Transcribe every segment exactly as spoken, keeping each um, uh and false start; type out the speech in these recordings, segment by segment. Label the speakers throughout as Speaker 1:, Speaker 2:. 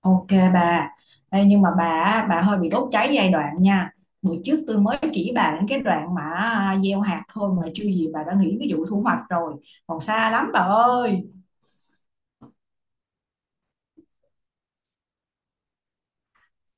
Speaker 1: Ok bà, đây. Nhưng mà bà á, bà hơi bị đốt cháy giai đoạn nha. Bữa trước tôi mới chỉ bà đến cái đoạn mà à, gieo hạt thôi mà chưa gì bà đã nghĩ cái vụ thu hoạch rồi. Còn xa lắm bà ơi.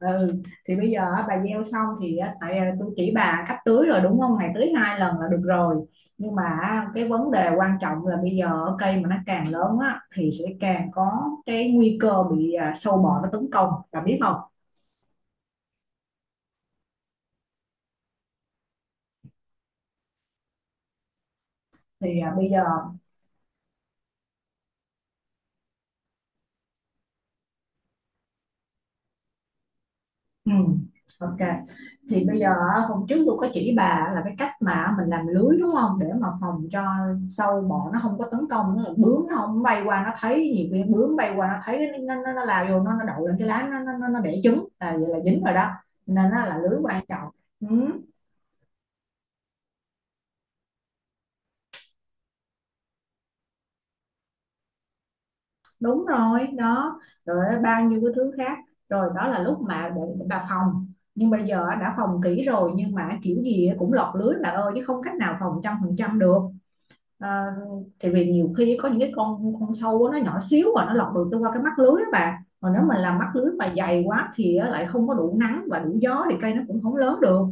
Speaker 1: Ừ, thì bây giờ á, bà gieo xong thì á, tại à, tôi chỉ bà cách tưới rồi đúng không? Ngày tưới hai lần là được rồi. Nhưng mà á, cái vấn đề quan trọng là bây giờ á, cây mà nó càng lớn á thì sẽ càng có cái nguy cơ bị à, sâu bọ nó tấn công. Bà biết không? Thì à, bây giờ Ừ, ok. Thì bây giờ á, hôm trước tôi có chỉ bà là cái cách mà mình làm lưới đúng không? Để mà phòng cho sâu bọ nó không có tấn công, nó bướm nó không bay qua nó thấy. Nhiều khi bướm bay qua nó thấy cái- nó nó, nó lao vô, nó nó đậu lên cái lá, nó nó nó, nó đẻ trứng là vậy là dính rồi đó. Nên nó là lưới quan trọng. Ừ, đúng rồi, đó. Rồi bao nhiêu cái thứ khác. Rồi đó là lúc mà để, để bà phòng, nhưng bây giờ đã phòng kỹ rồi nhưng mà kiểu gì cũng lọt lưới bà ơi, chứ không cách nào phòng trăm phần trăm được. À, tại vì nhiều khi có những cái con con sâu nó nhỏ xíu và nó lọt được qua cái mắt lưới á bà, còn nếu mà làm mắt lưới mà dày quá thì á, lại không có đủ nắng và đủ gió thì cây nó cũng không lớn được.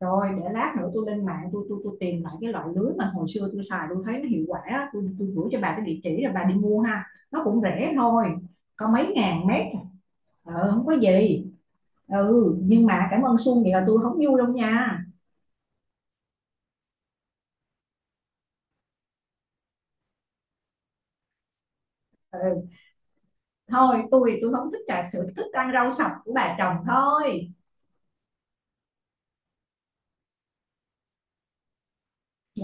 Speaker 1: Rồi để lát nữa tôi lên mạng tôi tôi tôi tìm lại cái loại lưới mà hồi xưa tôi xài tôi thấy nó hiệu quả á. tôi tôi gửi cho bà cái địa chỉ rồi bà đi mua ha. Nó cũng rẻ thôi, có mấy ngàn mét. Ờ, không có gì. Ừ, nhưng mà cảm ơn Xuân vậy là tôi không vui đâu nha. Ừ, thôi tôi tôi không thích trà sữa, thích ăn rau sạch của bà chồng thôi.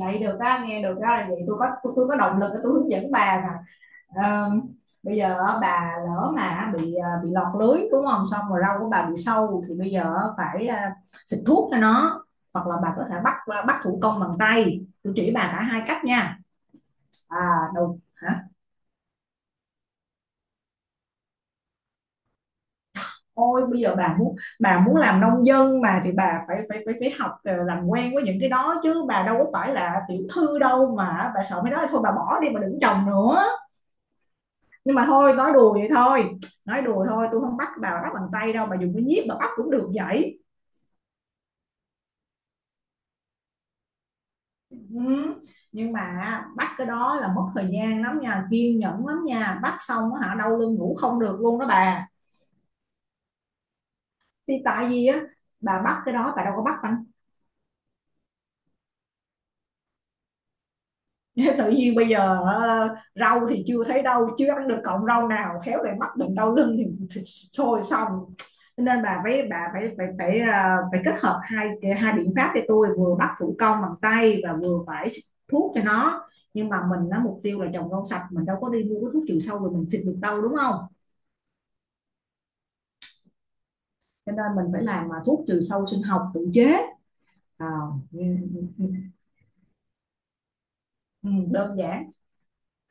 Speaker 1: Vậy được á nghe, được á, vậy tôi có tôi, có động lực để tôi hướng dẫn bà mà. Ờ, bây giờ á, bà lỡ mà bị à, bị lọt lưới đúng không, xong rồi rau của bà bị sâu thì bây giờ á, phải à, xịt thuốc cho nó, hoặc là bà có thể bắt ờ, bắt thủ công bằng tay. Tôi chỉ bà cả hai cách nha. À đầu hả, ôi bây giờ bà muốn bà muốn làm nông dân mà thì bà phải phải phải phải học ờ, làm quen với những cái đó chứ, bà đâu có phải là tiểu thư đâu mà bà sợ. Mấy đó thôi bà bỏ đi mà đừng trồng nữa. Nhưng mà thôi nói đùa vậy thôi, nói đùa thôi, tôi không bắt bà bắt bằng tay đâu, bà dùng cái nhíp bà bắt cũng được vậy. Ừ. Nhưng mà bắt cái đó là mất thời gian lắm nha, kiên nhẫn lắm nha, bắt xong á hả đau lưng ngủ không được luôn đó bà. Thì tại vì á bà bắt cái đó bà đâu có bắt bằng… Tự nhiên bây giờ ờ, rau thì chưa thấy đâu, chưa ăn được cọng rau nào, khéo lại mắc bệnh đau lưng thì, thì thôi xong. Nên bà phải bà phải phải phải ờ, phải kết hợp hai hai biện pháp cho tôi, vừa bắt thủ công bằng tay và vừa phải xịt thuốc cho nó. Nhưng mà mình nó mục tiêu là trồng rau sạch, mình đâu có đi mua cái thuốc trừ sâu rồi mình xịt được đâu đúng không? Cho nên mình phải làm mà thuốc trừ sâu sinh học tự chế. à, ừ, ừ, ừ, Đơn giản,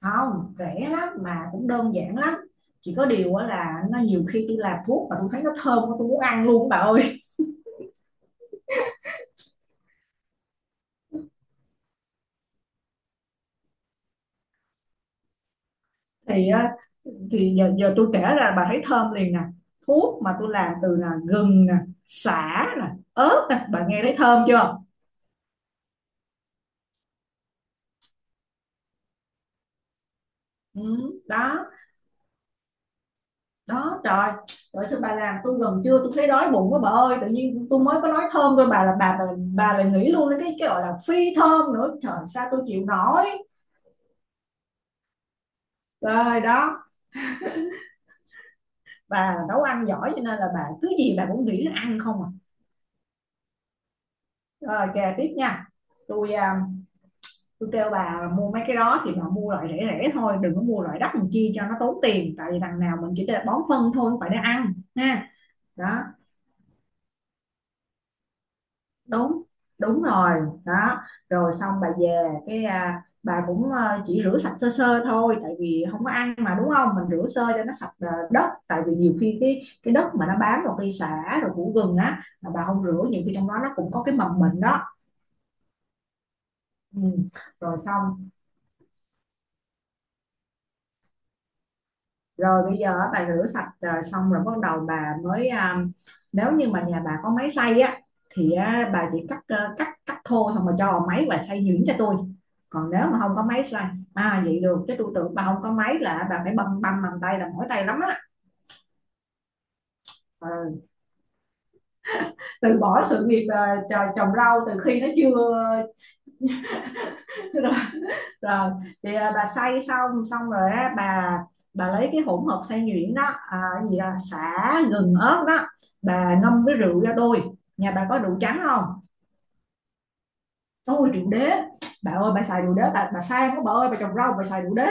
Speaker 1: không rẻ lắm mà cũng đơn giản lắm. Chỉ có điều á là nó nhiều khi tôi làm thuốc mà tôi thấy nó thơm quá, tôi muốn ăn luôn bà ơi. thì á, thì giờ, giờ tôi kể ra bà thấy thơm liền nè. Thuốc mà tôi làm từ là gừng nè, sả nè, ớt nè, bà nghe thấy thơm chưa? Ừ, đó. Đó trời, trời sao bà làm tôi gần trưa tôi thấy đói bụng quá bà ơi. Tự nhiên tôi mới có nói thơm thôi bà là bà bà, bà lại nghĩ luôn đến cái cái gọi là phi thơm nữa, trời sao tôi chịu nổi. Trời đó, bà nấu ăn giỏi cho nên là bà cứ gì bà cũng nghĩ đến ăn không à. Rồi kè tiếp nha. tôi à, tôi kêu bà mua mấy cái đó thì bà mua loại rẻ rẻ thôi, đừng có mua loại đắt làm chi cho nó tốn tiền, tại vì đằng nào mình chỉ để bón phân thôi không phải để ăn ha. Đó, đúng, đúng rồi đó. Rồi xong bà về cái à, bà cũng ờ, chỉ rửa sạch sơ sơ thôi, tại vì không có ăn mà đúng không, mình rửa sơ cho nó sạch ờ, đất, tại vì nhiều khi cái cái đất mà nó bám vào cây sả rồi củ gừng á mà bà không rửa, nhiều khi trong đó nó cũng có cái mầm bệnh đó. Ừ. Rồi xong, rồi bây giờ á, bà rửa sạch à, xong rồi bắt đầu bà mới à, nếu như mà nhà bà có máy xay á thì á, bà chỉ cắt à, cắt cắt thô xong rồi cho vào máy và xay nhuyễn cho tôi. Còn nếu mà không có máy xay… À vậy được chứ, tôi tưởng bà không có máy là bà phải băm băm bằng tay là mỏi tay lắm á. Ờ, Từ bỏ sự nghiệp à, trồng trồng rau từ khi nó chưa… Rồi thì à, bà xay xong xong rồi á, bà bà lấy cái hỗn hợp xay nhuyễn đó, à, cái gì đó, sả gừng ớt đó. Bà ngâm với rượu ra đôi, nhà bà có rượu trắng không? Ôi rượu đế, bà ơi bà xài rượu đế, bà bà sang quá bà ơi, bà trồng rau bà xài rượu đế.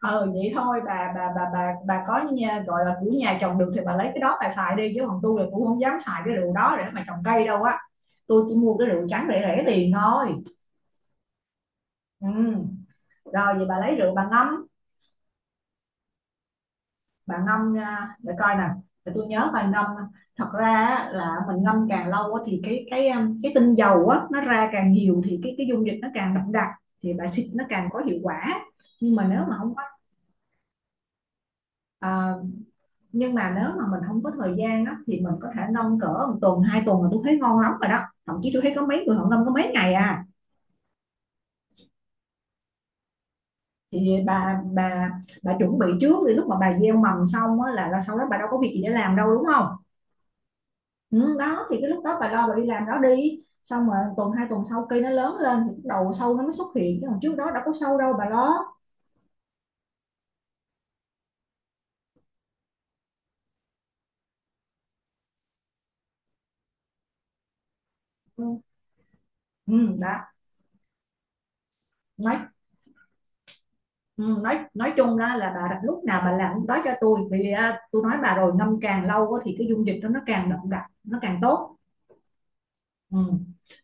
Speaker 1: Ờ vậy thôi bà bà bà bà bà có nhà, gọi là của nhà trồng được thì bà lấy cái đó bà xài đi, chứ còn tôi là cũng không dám xài cái rượu đó để mà trồng cây đâu á. Tôi chỉ mua cái rượu trắng rẻ rẻ tiền thôi. Ừ. Rồi vậy bà lấy rượu bà ngâm. Bạn ngâm ra để coi nè, để tôi nhớ bài ngâm. Thật ra là mình ngâm càng lâu thì cái cái um, cái tinh dầu á nó ra càng nhiều thì cái cái dung dịch nó càng đậm đặc, thì bài xịt nó càng có hiệu quả. nhưng mà nếu mà không có à, nhưng mà nếu mà mình không có thời gian đó thì mình có thể ngâm cỡ một tuần hai tuần là tôi thấy ngon lắm rồi đó. Thậm chí tôi thấy có mấy người họ ngâm có mấy ngày à. Thì bà bà bà chuẩn bị trước thì lúc mà bà gieo mầm xong á là, là sau đó bà đâu có việc gì để làm đâu đúng không? Ừ, đó thì cái lúc đó bà lo bà đi làm đó đi, xong mà tuần hai tuần sau cây nó lớn lên thì bắt đầu sâu nó mới xuất hiện, chứ còn trước đó đâu có sâu đâu bà lo. Ừ, ừ đó nói ừ, nói nói chung đó là bà lúc nào bà làm lúc đó cho tôi, vì à, tôi nói bà rồi, ngâm càng lâu á thì cái dung dịch đó nó càng đậm đặc nó càng tốt. Ừ,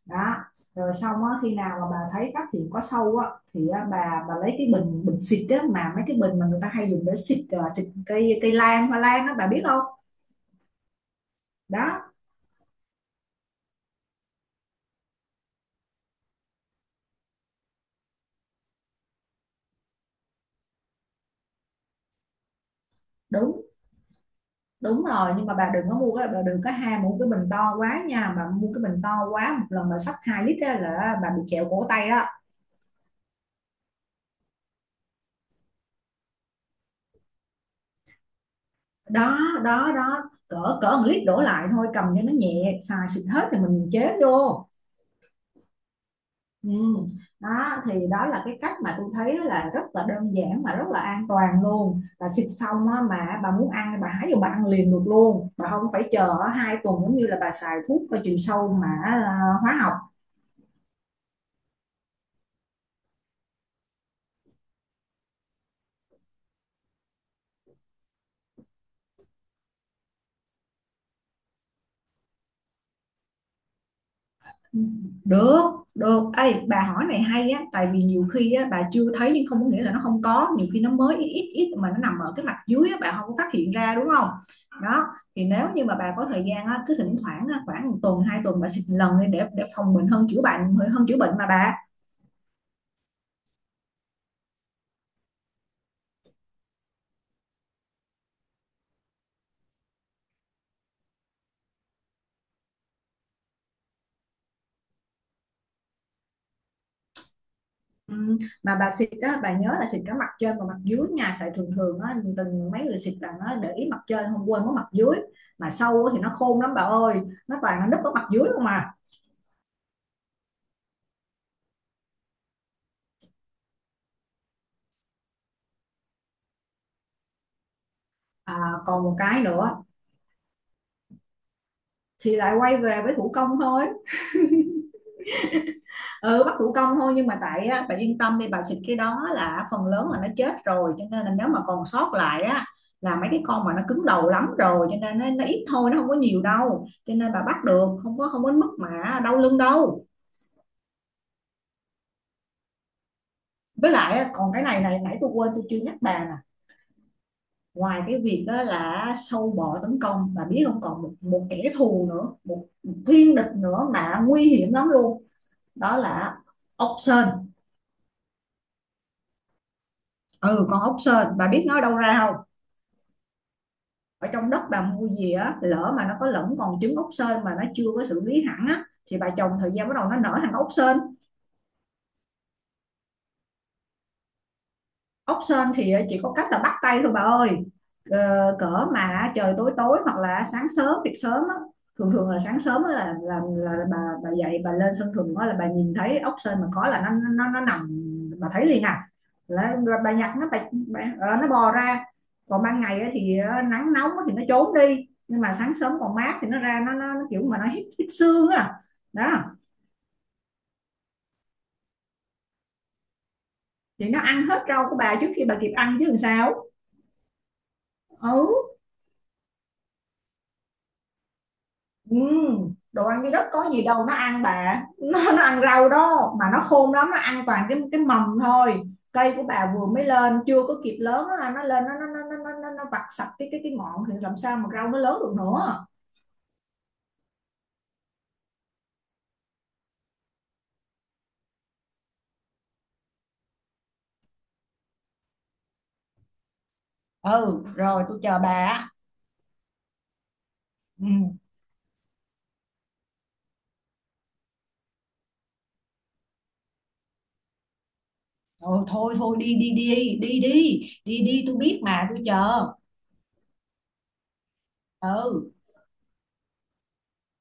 Speaker 1: đó. Rồi xong á khi nào mà bà thấy phát hiện có sâu á thì á, bà bà lấy cái bình bình xịt á, mà mấy cái bình mà người ta hay dùng để xịt à, xịt cây, cây lan hoa lan á, bà biết không? Đó, đúng, đúng rồi. Nhưng mà bà đừng có mua cái bà đừng có ham mua cái bình to quá nha, bà mua cái bình to quá một lần bà xách hai lít á là bà bị trẹo cổ tay đó. Đó đó đó, cỡ cỡ một lít đổ lại thôi, cầm cho nó nhẹ, xài xịt hết thì mình chế vô. Ừ. Đó thì đó là cái cách mà tôi thấy là rất là đơn giản mà rất là an toàn luôn. Bà xịt xong á, mà bà muốn ăn bà hái vô bà ăn liền được luôn, bà không phải chờ hai tuần giống như là bà xài thuốc có chiều sâu mà à, hóa học. Được, được. Ê, bà hỏi này hay á, tại vì nhiều khi á, bà chưa thấy nhưng không có nghĩa là nó không có, nhiều khi nó mới ít ít ít mà nó nằm ở cái mặt dưới á, bà không có phát hiện ra đúng không? Đó, thì nếu như mà bà có thời gian á, cứ thỉnh thoảng á, khoảng một tuần, hai tuần bà xịt lần đi để để phòng bệnh hơn chữa bệnh hơn chữa bệnh mà bà. Ừ, mà bà xịt á, bà nhớ là xịt cả mặt trên và mặt dưới nha, tại thường thường á, từng mấy người xịt là nó để ý mặt trên không, quên mất mặt dưới, mà sâu á thì nó khôn lắm bà ơi, nó toàn nó núp ở mặt dưới không mà. À, còn một cái nữa, thì lại quay về với thủ công thôi. Ừ bắt thủ công thôi, nhưng mà tại á, bà yên tâm đi, bà xịt cái đó là phần lớn là nó chết rồi, cho nên là nếu mà còn sót lại á là mấy cái con mà nó cứng đầu lắm rồi, cho nên nó, nó ít thôi nó không có nhiều đâu, cho nên bà bắt được, không có không có mức mà đau lưng đâu. Với lại á, còn cái này này nãy tôi quên tôi chưa nhắc bà nè. Ngoài cái việc đó là sâu bọ tấn công bà biết không, còn một, một kẻ thù nữa, một thiên địch nữa mà nguy hiểm lắm luôn. Đó là ốc sên. Ừ con ốc sên, bà biết nó đâu ra không? Ở trong đất bà mua gì á, lỡ mà nó có lẫn còn trứng ốc sên mà nó chưa có xử lý hẳn á, thì bà trồng thời gian bắt đầu nó nở thành ốc sên. Ốc sên thì ờ, chỉ có cách là bắt tay thôi bà ơi. Ờ, cỡ mà trời tối tối hoặc là sáng sớm việc sớm á, thường thường là sáng sớm á là là, là bà bà dậy bà lên sân thượng á, là bà nhìn thấy ốc sên mà có là nó nó nó nằm, bà thấy liền à, là, là bà nhặt nó bà, bà ờ, nó bò ra. Còn ban ngày á thì ờ, nắng nóng á thì nó trốn đi, nhưng mà sáng sớm còn mát thì nó ra, nó nó, nó kiểu mà nó hít hít xương á. Đó thì nó ăn hết rau của bà trước khi bà kịp ăn chứ làm sao. Ừ. Ừm, đồ ăn cái đất có gì đâu nó ăn bà. Nó, nó ăn rau đó mà, nó khôn lắm, nó ăn toàn cái cái mầm thôi. Cây của bà vừa mới lên chưa có kịp lớn á, nó lên nó nó nó nó nó, nó nó vặt sạch cái cái cái ngọn thì làm sao mà rau nó lớn được nữa. Ừ rồi tôi chờ bà á. Ừ rồi, thôi thôi đi đi đi đi đi đi đi tôi biết mà tôi chờ. Ừ.